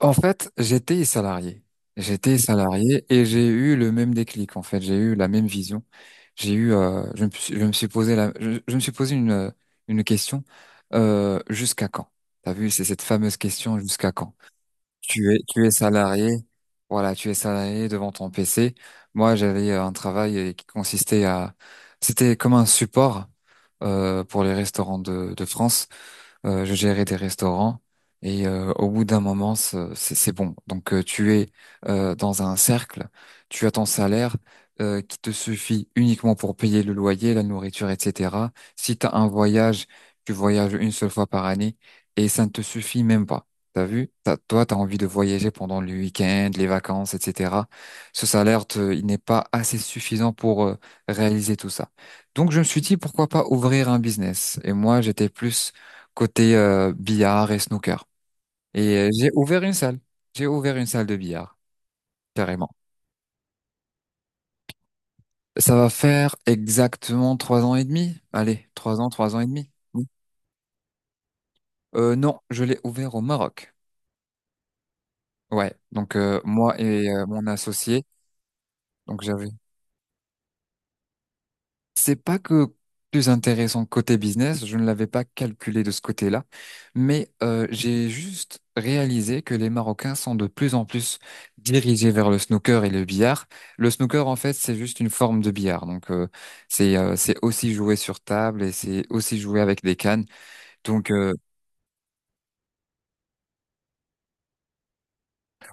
En fait, j'étais salarié. J'étais salarié et j'ai eu le même déclic, en fait. J'ai eu la même vision. Je me suis posé je me suis posé une question, jusqu'à quand? T'as vu, c'est cette fameuse question, jusqu'à quand? Tu es salarié. Voilà, tu es salarié devant ton PC. Moi, j'avais un travail qui consistait à, c'était comme un support, pour les restaurants de France, je gérais des restaurants et, au bout d'un moment, c'est bon. Donc, tu es, dans un cercle, tu as ton salaire qui te suffit uniquement pour payer le loyer, la nourriture, etc. Si tu as un voyage, tu voyages une seule fois par année et ça ne te suffit même pas. T'as vu? Toi, tu as envie de voyager pendant le week-end, les vacances, etc. Ce salaire, il n'est pas assez suffisant pour réaliser tout ça. Donc, je me suis dit, pourquoi pas ouvrir un business? Et moi, j'étais plus côté billard et snooker. Et j'ai ouvert une salle. J'ai ouvert une salle de billard, carrément. Ça va faire exactement 3 ans et demi. Allez, trois ans, 3 ans et demi. Oui. Non, je l'ai ouvert au Maroc. Ouais, donc, moi et, mon associé, donc j'avais C'est pas que plus intéressant côté business, je ne l'avais pas calculé de ce côté-là, mais j'ai juste réalisé que les Marocains sont de plus en plus dirigés vers le snooker et le billard. Le snooker, en fait, c'est juste une forme de billard, donc, c'est aussi jouer sur table et c'est aussi jouer avec des cannes. Donc,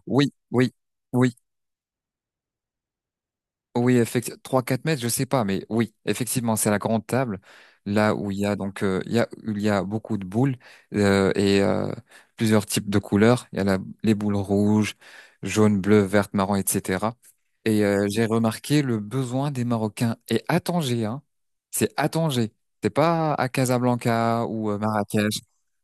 oui, oui, oui. Oui, effectivement, trois quatre mètres, je sais pas, mais oui, effectivement, c'est la grande table, là où il y a donc il y a beaucoup de boules, et plusieurs types de couleurs. Il y a les boules rouges, jaunes, bleues, vertes, marron, etc. Et j'ai remarqué le besoin des Marocains. Et à Tanger, hein, c'est à Tanger, c'est pas à Casablanca ou Marrakech.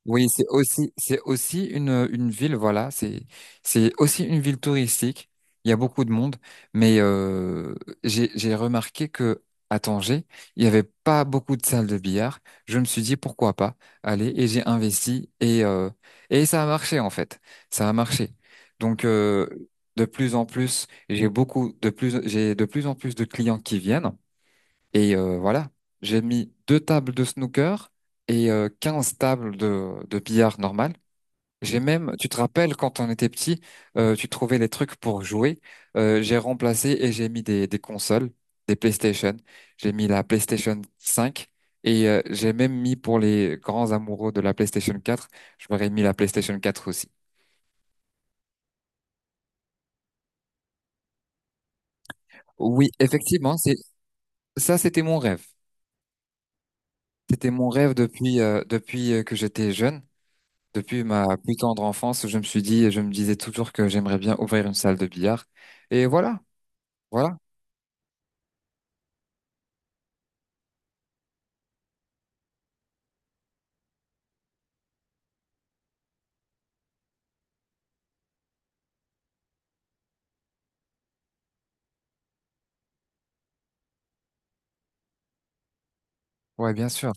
Oui, c'est aussi une ville, voilà, c'est aussi une ville touristique. Il y a beaucoup de monde. Mais j'ai remarqué que à Tanger, il n'y avait pas beaucoup de salles de billard. Je me suis dit pourquoi pas aller et j'ai investi et ça a marché en fait. Ça a marché. Donc, de plus en plus, j'ai de plus en plus de clients qui viennent et, voilà. J'ai mis deux tables de snooker et, 15 tables de billard normal. J'ai même, tu te rappelles quand on était petit, tu trouvais les trucs pour jouer. J'ai remplacé et j'ai mis des consoles, des PlayStation. J'ai mis la PlayStation 5 et, j'ai même mis pour les grands amoureux de la PlayStation 4, je m'aurais mis la PlayStation 4 aussi. Oui, effectivement, c'est ça, c'était mon rêve. C'était mon rêve depuis, que j'étais jeune, depuis ma plus tendre enfance. Je me suis dit, je me disais toujours que j'aimerais bien ouvrir une salle de billard. Et voilà, voilà, ouais, bien sûr.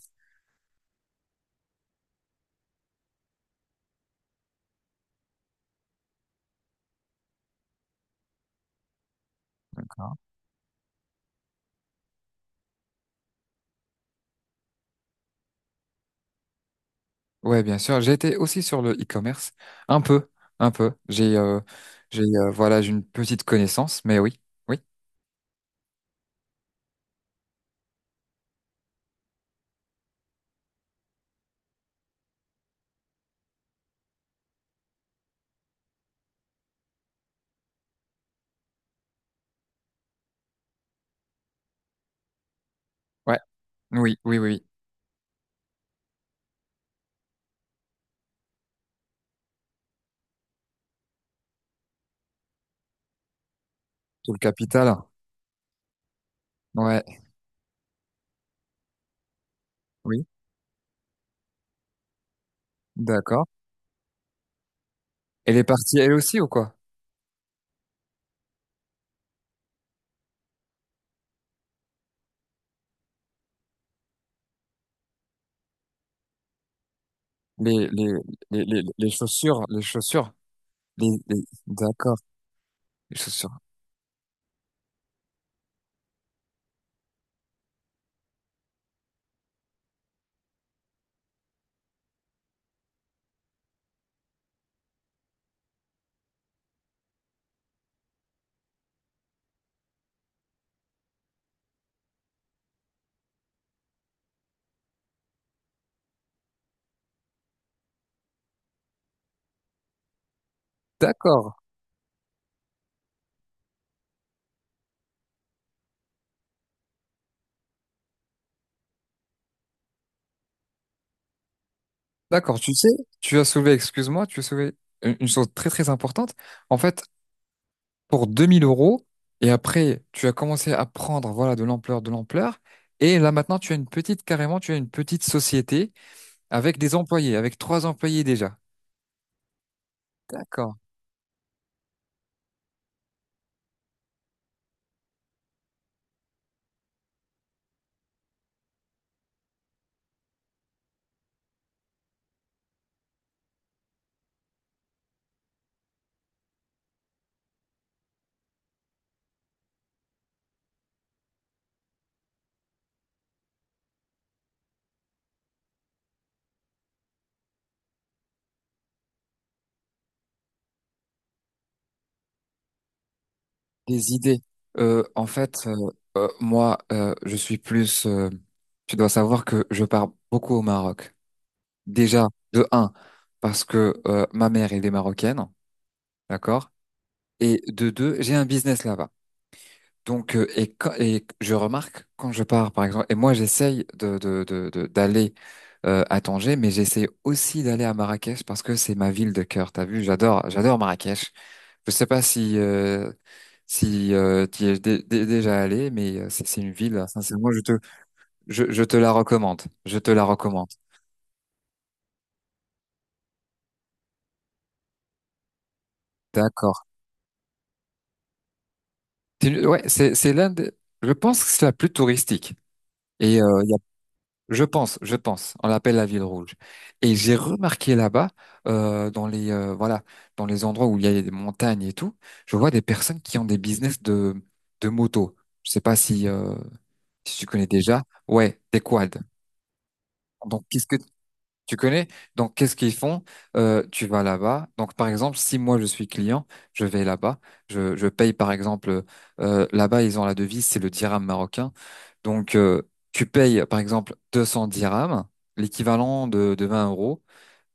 Ouais, bien sûr. J'ai été aussi sur le e-commerce, un peu, un peu. Voilà, j'ai une petite connaissance, mais oui, oui, ouais, oui, oui, oui, oui. Tout le capital, ouais, oui, d'accord. Et les parties, elles aussi ou quoi? Les, les, les chaussures, les chaussures, d'accord, les chaussures, d'accord, d'accord. Tu sais, tu as soulevé, excuse-moi, tu as soulevé une chose très très importante. En fait, pour 2000 euros. Et après, tu as commencé à prendre, voilà, de l'ampleur, de l'ampleur. Et là, maintenant, tu as une petite, carrément, tu as une petite société avec des employés, avec trois employés déjà. D'accord. Des idées. Euh, en fait, euh, Moi, je suis plus, tu dois savoir que je pars beaucoup au Maroc. Déjà, de un, parce que, ma mère, elle est marocaine. D'accord? Et de deux, j'ai un business là-bas. Donc, et je remarque quand je pars, par exemple, et moi j'essaye d'aller, à Tanger, mais j'essaye aussi d'aller à Marrakech parce que c'est ma ville de cœur. T'as vu, j'adore, j'adore Marrakech. Je sais pas si, tu y es déjà allé, mais, c'est une ville. Sincèrement, je te la recommande. Je te la recommande. D'accord. Ouais, c'est l'un des. Je pense que c'est la plus touristique. Et il y a je pense, je pense. On l'appelle la ville rouge. Et j'ai remarqué là-bas, euh, dans les euh, voilà, dans les endroits où il y a des montagnes et tout, je vois des personnes qui ont des business de moto. Je sais pas si, si tu connais déjà. Ouais, des quads. Donc, qu'est-ce que tu connais? Donc, qu'est-ce qu'ils font? Tu vas là-bas. Donc, par exemple, si moi je suis client, je vais là-bas. Je paye, par exemple, là-bas, ils ont la devise, c'est le dirham marocain. Donc, tu payes, par exemple, 200 dirhams, l'équivalent de 20 euros.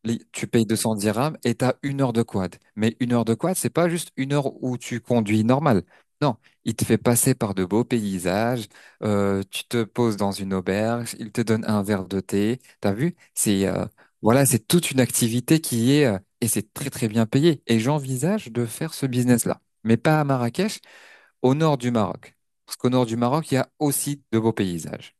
Tu payes 200 dirhams et tu as une heure de quad. Mais une heure de quad, c'est pas juste une heure où tu conduis normal. Non, il te fait passer par de beaux paysages, tu te poses dans une auberge, il te donne un verre de thé. T'as vu? C'est, voilà, c'est toute une activité qui est, et c'est très très bien payé. Et j'envisage de faire ce business-là, mais pas à Marrakech, au nord du Maroc, parce qu'au nord du Maroc, il y a aussi de beaux paysages.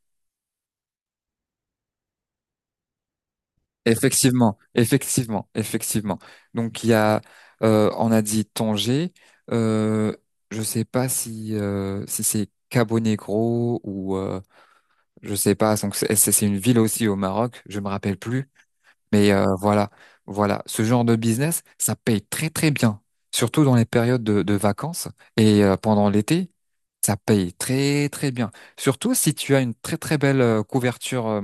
Effectivement, effectivement, effectivement. Donc il y a, on a dit Tanger. Euh, je sais pas si, si c'est Cabo Negro ou, je sais pas. Donc c'est une ville aussi au Maroc. Je me rappelle plus. Mais, voilà, voilà, ce genre de business, ça paye très très bien, surtout dans les périodes de vacances et, pendant l'été, ça paye très très bien. Surtout si tu as une très très belle couverture, euh,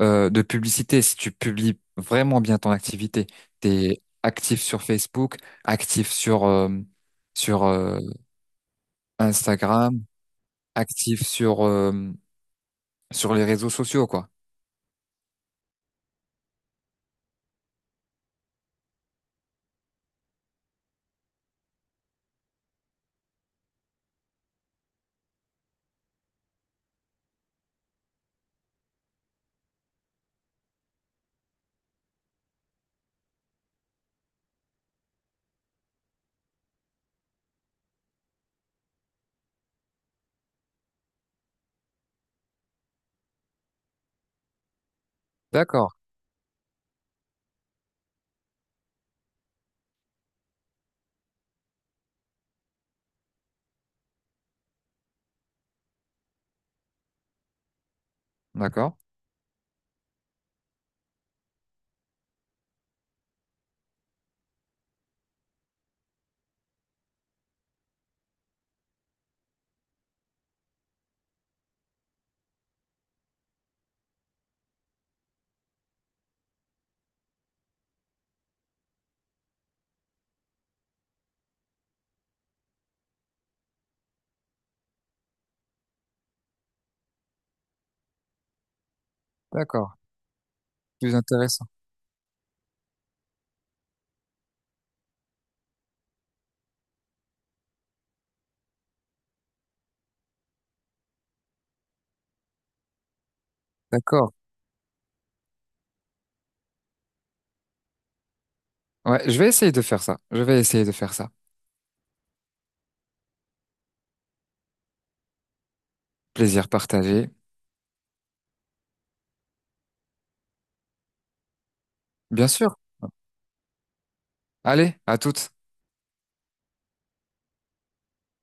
euh, de publicité, si tu publies vraiment bien ton activité, t'es actif sur Facebook, actif sur Instagram, actif sur les réseaux sociaux, quoi. D'accord, d'accord, d'accord. Plus intéressant. D'accord. Ouais, je vais essayer de faire ça. Je vais essayer de faire ça. Plaisir partagé, bien sûr. Allez, à toutes.